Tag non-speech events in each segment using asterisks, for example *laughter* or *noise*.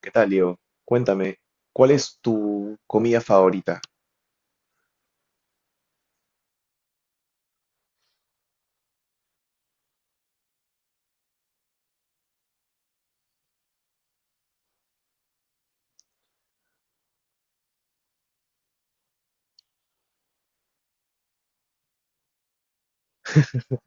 ¿Qué tal, Diego? Cuéntame, ¿cuál es tu comida favorita? *laughs*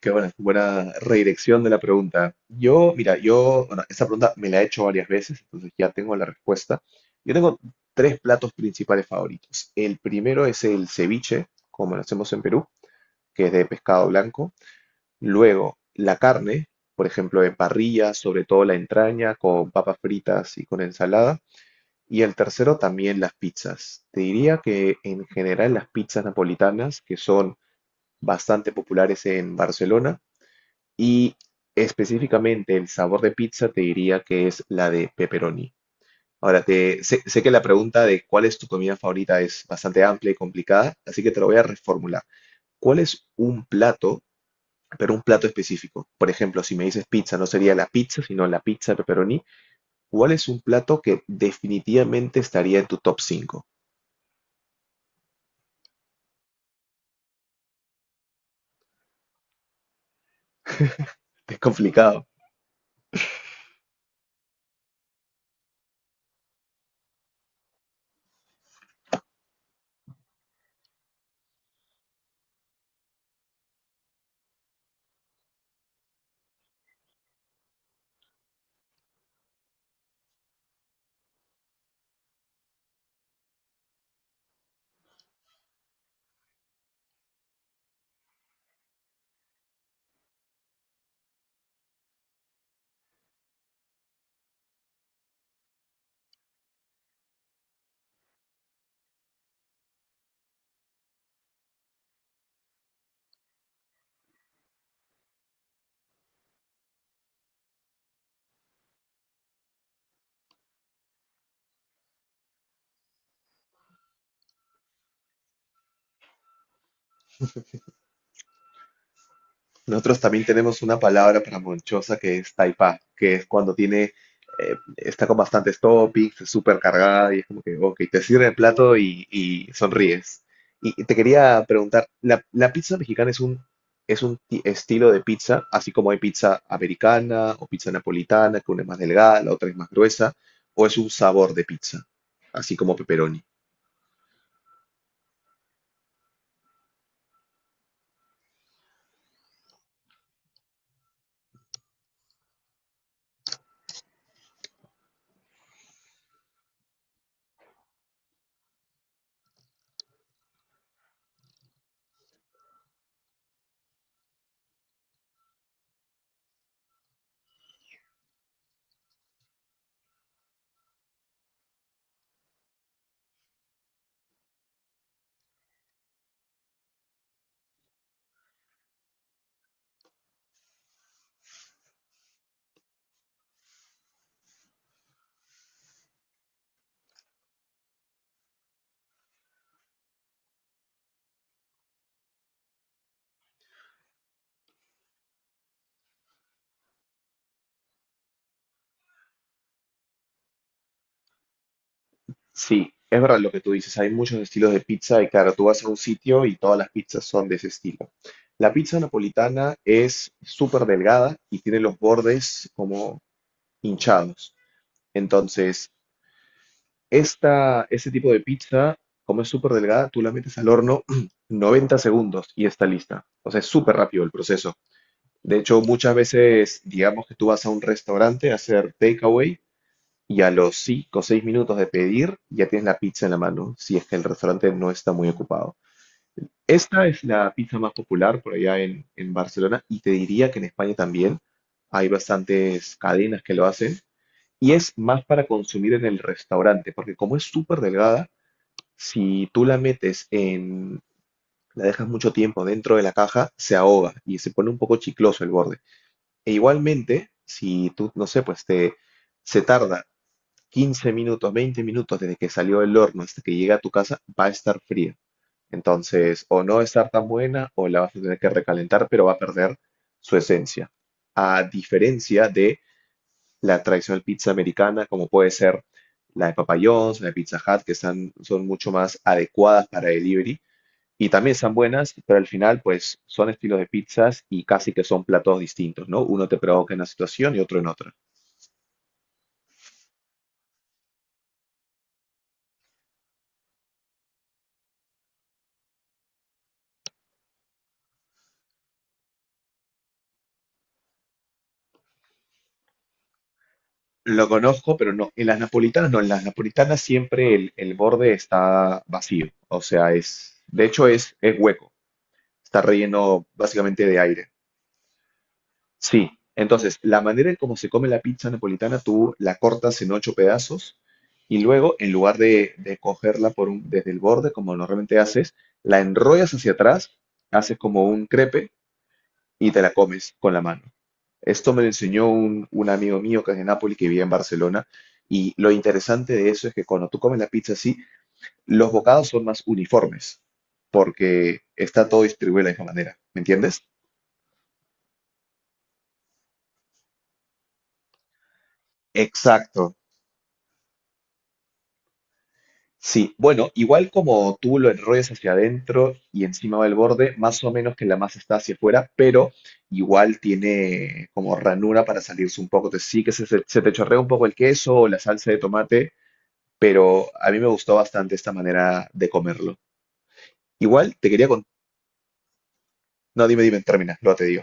Qué buena, buena redirección de la pregunta. Yo, mira, yo, bueno, esa pregunta me la he hecho varias veces, entonces ya tengo la respuesta. Yo tengo tres platos principales favoritos. El primero es el ceviche, como lo hacemos en Perú, que es de pescado blanco. Luego, la carne, por ejemplo, en parrilla, sobre todo la entraña, con papas fritas y con ensalada. Y el tercero también las pizzas. Te diría que en general las pizzas napolitanas, que son bastante populares en Barcelona, y específicamente el sabor de pizza te diría que es la de pepperoni. Ahora, sé que la pregunta de cuál es tu comida favorita es bastante amplia y complicada, así que te lo voy a reformular. ¿Cuál es un plato, pero un plato específico? Por ejemplo, si me dices pizza, no sería la pizza, sino la pizza pepperoni. ¿Cuál es un plato que definitivamente estaría en tu top cinco? *laughs* Es complicado. Nosotros también tenemos una palabra para monchosa que es taipa, que es cuando tiene, está con bastantes toppings, es súper cargada y es como que, ok, te sirve el plato y sonríes. Y te quería preguntar, ¿la pizza mexicana es un, estilo de pizza, así como hay pizza americana o pizza napolitana, que una es más delgada, la otra es más gruesa, o es un sabor de pizza, así como pepperoni? Sí, es verdad lo que tú dices, hay muchos estilos de pizza y claro, tú vas a un sitio y todas las pizzas son de ese estilo. La pizza napolitana es súper delgada y tiene los bordes como hinchados. Entonces, esta, este tipo de pizza, como es súper delgada, tú la metes al horno *clears throat* 90 segundos y está lista. O sea, es súper rápido el proceso. De hecho, muchas veces, digamos que tú vas a un restaurante a hacer takeaway y a los 5 o 6 minutos de pedir, ya tienes la pizza en la mano, si es que el restaurante no está muy ocupado. Esta es la pizza más popular por allá en, Barcelona y te diría que en España también hay bastantes cadenas que lo hacen y es más para consumir en el restaurante, porque como es súper delgada, si tú la metes la dejas mucho tiempo dentro de la caja, se ahoga y se pone un poco chicloso el borde. E igualmente, si tú, no sé, pues se tarda 15 minutos, 20 minutos desde que salió del horno hasta que llega a tu casa, va a estar fría. Entonces, o no va a estar tan buena o la vas a tener que recalentar, pero va a perder su esencia. A diferencia de la tradicional pizza americana, como puede ser la de Papa John's, la de Pizza Hut, que están, son mucho más adecuadas para delivery y también están buenas, pero al final, pues son estilos de pizzas y casi que son platos distintos, ¿no? Uno te provoca en una situación y otro en otra. Lo conozco, pero no. En las napolitanas, no, en las napolitanas siempre el borde está vacío. O sea, de hecho es, hueco. Está relleno básicamente de aire. Sí. Entonces, la manera en cómo se come la pizza napolitana, tú la cortas en ocho pedazos y luego, en lugar de cogerla por un, desde el borde, como normalmente haces, la enrollas hacia atrás, haces como un crepe y te la comes con la mano. Esto me lo enseñó un, amigo mío que es de Nápoles, que vivía en Barcelona. Y lo interesante de eso es que cuando tú comes la pizza así, los bocados son más uniformes, porque está todo distribuido de la misma manera. ¿Me entiendes? Exacto. Sí, bueno, igual como tú lo enrollas hacia adentro y encima va el borde, más o menos que la masa está hacia afuera, pero igual tiene como ranura para salirse un poco. Te sí que se te chorrea un poco el queso o la salsa de tomate, pero a mí me gustó bastante esta manera de comerlo. Igual te quería contar. No, dime, dime, termina, luego te digo.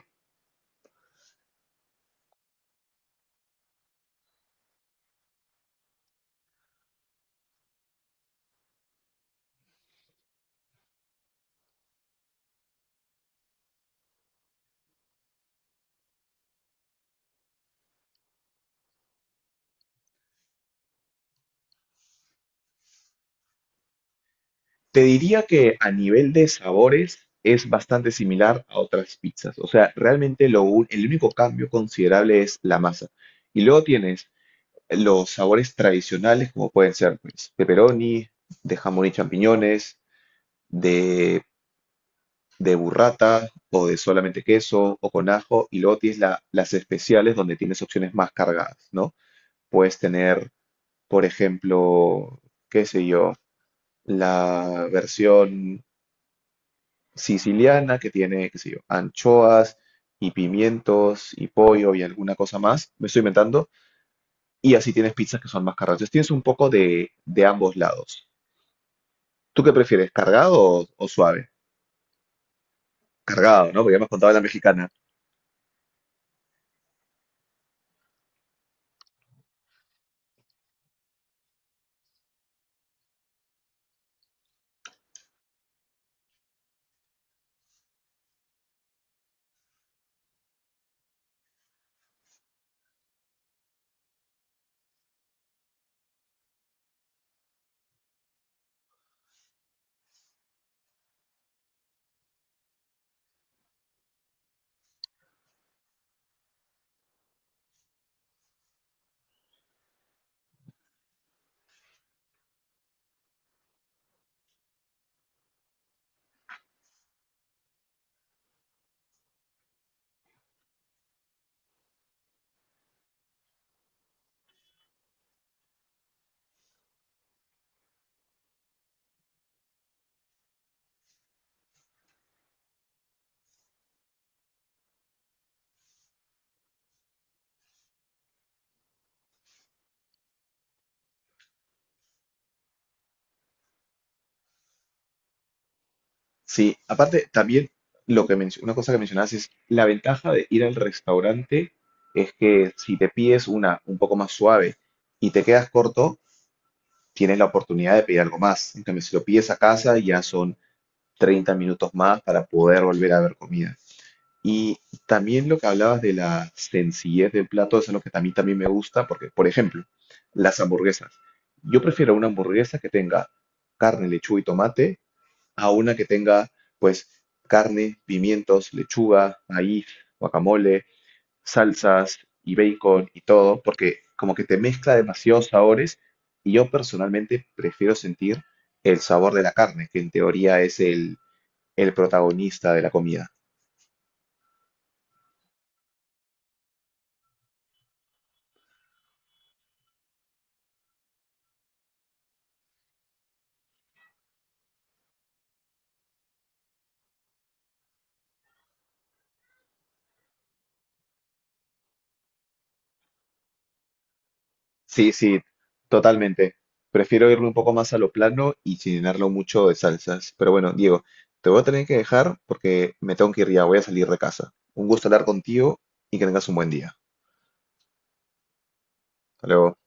Te diría que a nivel de sabores es bastante similar a otras pizzas. O sea, realmente el único cambio considerable es la masa. Y luego tienes los sabores tradicionales, como pueden ser pues, pepperoni, de jamón y champiñones, de, burrata o de solamente queso o con ajo. Y luego tienes las especiales donde tienes opciones más cargadas, ¿no? Puedes tener, por ejemplo, qué sé yo. La versión siciliana que tiene, qué sé yo, anchoas y pimientos y pollo y alguna cosa más, me estoy inventando, y así tienes pizzas que son más cargadas. Entonces tienes un poco de, ambos lados. ¿Tú qué prefieres, cargado o suave? Cargado, ¿no? Porque ya me has contado la mexicana. Sí, aparte también una cosa que mencionabas es la ventaja de ir al restaurante es que si te pides una un poco más suave y te quedas corto, tienes la oportunidad de pedir algo más. En cambio, si lo pides a casa, ya son 30 minutos más para poder volver a ver comida. Y también lo que hablabas de la sencillez del plato, eso es lo que a mí también me gusta, porque, por ejemplo, las hamburguesas. Yo prefiero una hamburguesa que tenga carne, lechuga y tomate a una que tenga, pues, carne, pimientos, lechuga, maíz, guacamole, salsas y bacon y todo, porque como que te mezcla demasiados sabores y yo personalmente prefiero sentir el sabor de la carne, que en teoría es el protagonista de la comida. Sí, sí, totalmente. Prefiero irme un poco más a lo plano y sin llenarlo mucho de salsas. Pero bueno, Diego, te voy a tener que dejar porque me tengo que ir ya, voy a salir de casa. Un gusto hablar contigo y que tengas un buen día. Hasta luego.